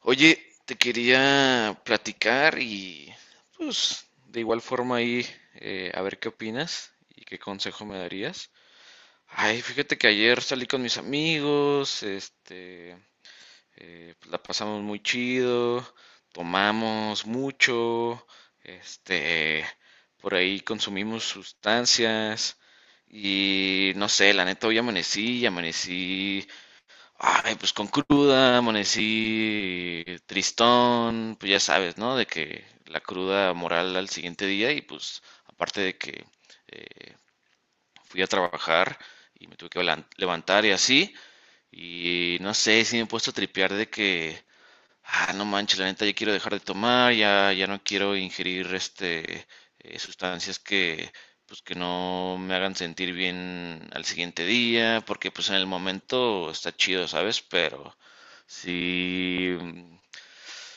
Oye, te quería platicar y pues de igual forma ahí, a ver qué opinas y qué consejo me darías. Ay, fíjate que ayer salí con mis amigos, este, pues, la pasamos muy chido, tomamos mucho, este, por ahí consumimos sustancias y no sé, la neta hoy amanecí, y amanecí, ay, pues con cruda, amanecí tristón, pues ya sabes, ¿no? De que la cruda moral al siguiente día y pues aparte de que eh, fui a trabajar y me tuve que levantar y así, y no sé, si me he puesto a tripear de que ah, no manches, la neta, ya quiero dejar de tomar, ya, ya no quiero ingerir este, sustancias que pues que no me hagan sentir bien al siguiente día, porque pues en el momento está chido, ¿sabes? Pero sí,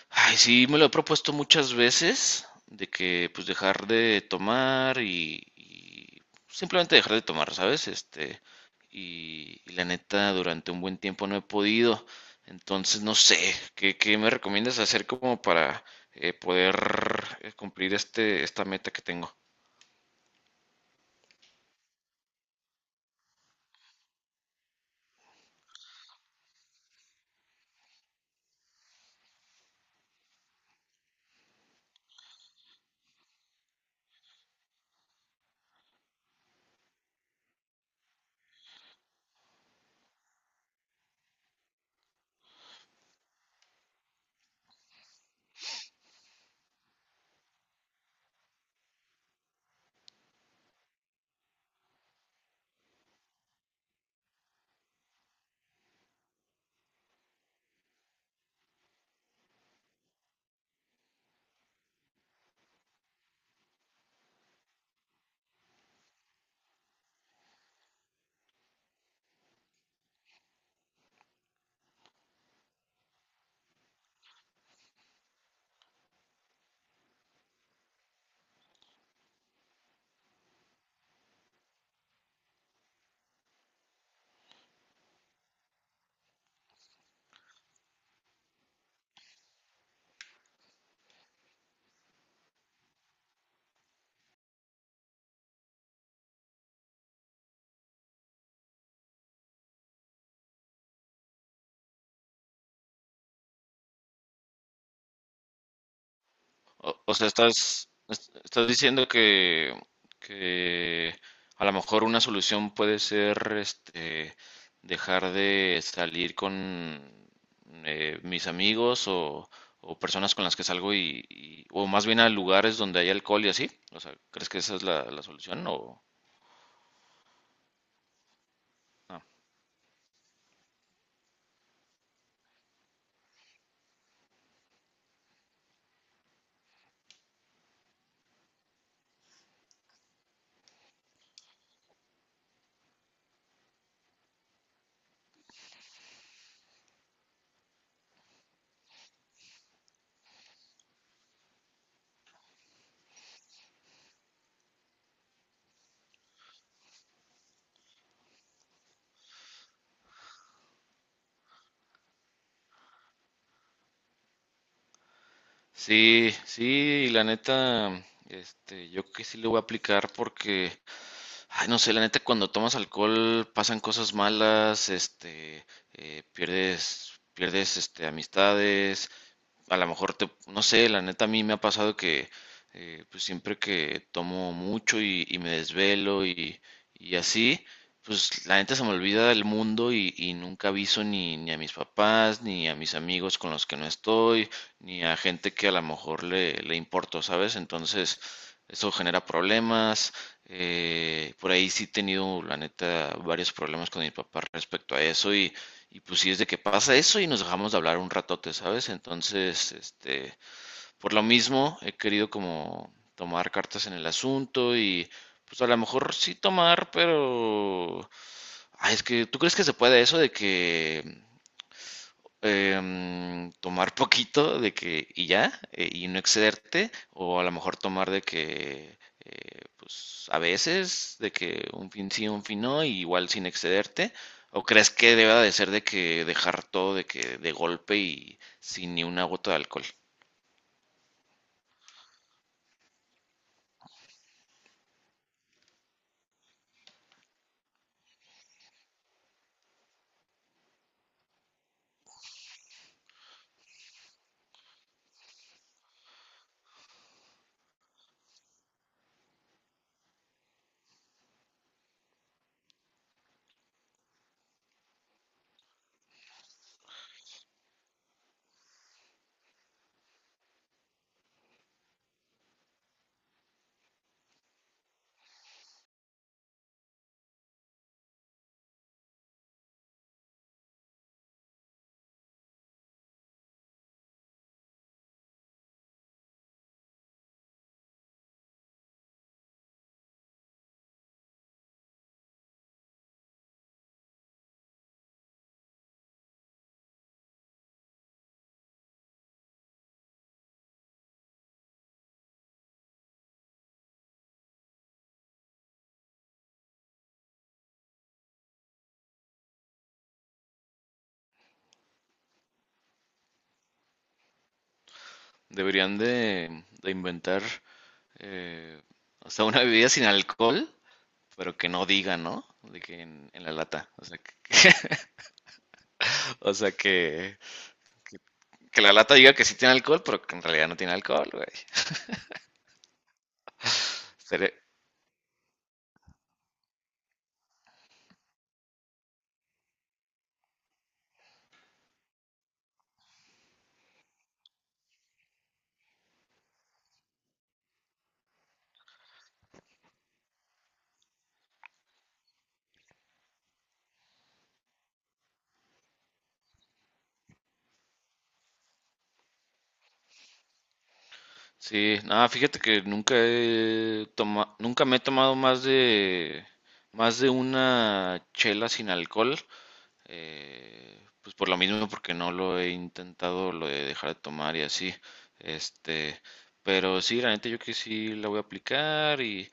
ay, sí, me lo he propuesto muchas veces, de que pues dejar de tomar y simplemente dejar de tomar, ¿sabes? Este, y la neta, durante un buen tiempo no he podido. Entonces, no sé, ¿qué me recomiendas hacer como para poder, cumplir este, esta meta que tengo? O sea, estás, estás diciendo que a lo mejor una solución puede ser este, dejar de salir con mis amigos o personas con las que salgo o más bien a lugares donde hay alcohol y así. O sea, ¿crees que esa es la solución o no? Sí, sí, la neta, este, yo creo que sí lo voy a aplicar porque ay, no sé, la neta, cuando tomas alcohol pasan cosas malas, este, pierdes, este, amistades, a lo mejor te, no sé, la neta a mí me ha pasado que pues siempre que tomo mucho y me desvelo y así, pues la neta se me olvida del mundo y nunca aviso ni a mis papás, ni a mis amigos con los que no estoy, ni a gente que a lo mejor le importo, ¿sabes? Entonces, eso genera problemas. Por ahí sí he tenido, la neta, varios problemas con mi papá respecto a eso y pues sí es de que pasa eso y nos dejamos de hablar un ratote, ¿sabes? Entonces, este, por lo mismo he querido como tomar cartas en el asunto y pues a lo mejor sí tomar, pero... Ay, es que, ¿tú crees que se puede eso de que tomar poquito de que y ya, y no excederte, o a lo mejor tomar de que, pues a veces, de que un fin sí, un fin no, y igual sin excederte, o crees que deba de ser de que dejar todo de que de golpe y sin ni una gota de alcohol? Deberían de inventar, eh, o sea, una bebida sin alcohol, pero que no diga, ¿no? De que en la lata. O sea que la lata diga que sí tiene alcohol, pero que en realidad no tiene alcohol, güey. Seré- Sí, nada, fíjate que nunca he toma- nunca me he tomado más de, más de una chela sin alcohol. Pues por lo mismo, porque no lo he intentado lo de dejar de tomar y así. Este, pero sí, la neta yo que sí la voy a aplicar y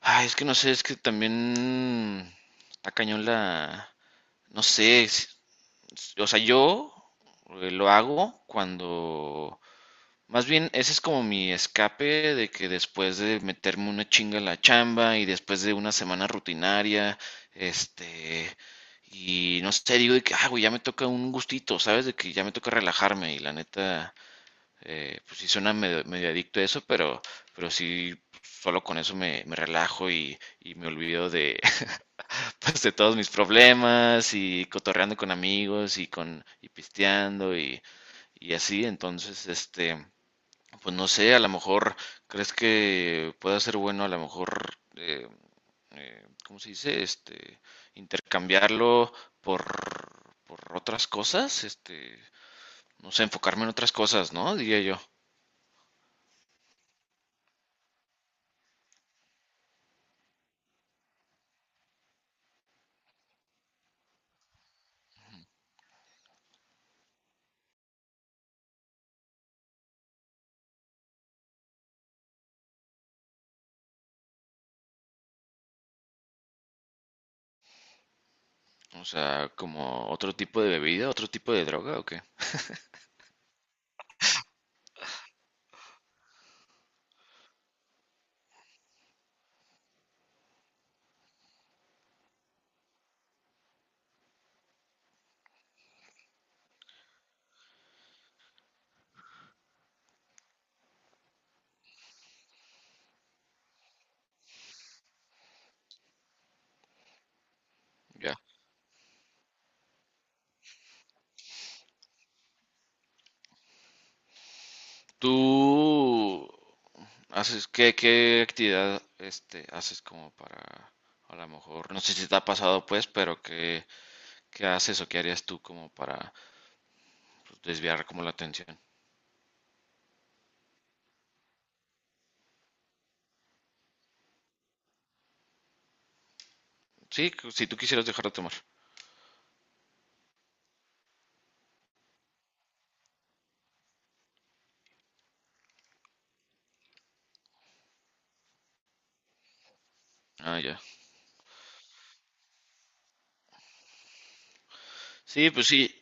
ay, es que no sé, es que también está cañón la, no sé, si- O sea, yo, lo hago cuando... Más bien, ese es como mi escape de que después de meterme una chinga en la chamba y después de una semana rutinaria, este, y no sé, digo de que, ah, güey, ya me toca un gustito, ¿sabes? De que ya me toca relajarme y la neta, pues sí suena medio, medio adicto a eso, pero sí, solo con eso me, me relajo y me olvido de, pues, de todos mis problemas y cotorreando con amigos y con y pisteando y así. Entonces, este, pues no sé, a lo mejor crees que pueda ser bueno, a lo mejor, ¿cómo se dice? Este, intercambiarlo por, por otras cosas, este, no sé, enfocarme en otras cosas, ¿no? Diría yo. ¿O sea, como otro tipo de bebida, otro tipo de droga o qué? Ya. ¿Tú haces qué, qué actividad este haces como para, a lo mejor, no sé si te ha pasado pues, pero qué, qué haces o qué harías tú como para pues, desviar como la atención? Sí, si tú quisieras dejar de tomar. Ah, ya. Sí, pues sí.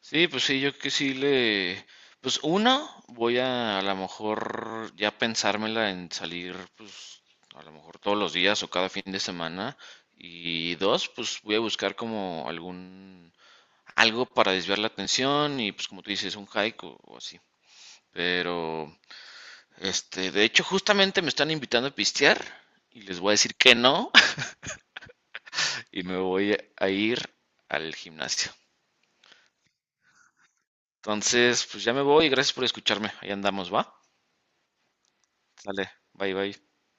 Sí, pues sí, yo que sí le... Pues uno, voy a lo mejor ya pensármela en salir, pues a lo mejor todos los días o cada fin de semana. Y dos, pues voy a buscar como algún... algo para desviar la atención y pues como tú dices, un hike o así. Pero, este, de hecho justamente me están invitando a pistear y les voy a decir que no y me voy a ir al gimnasio. Entonces, pues ya me voy y gracias por escucharme. Ahí andamos, ¿va? Sale, bye bye.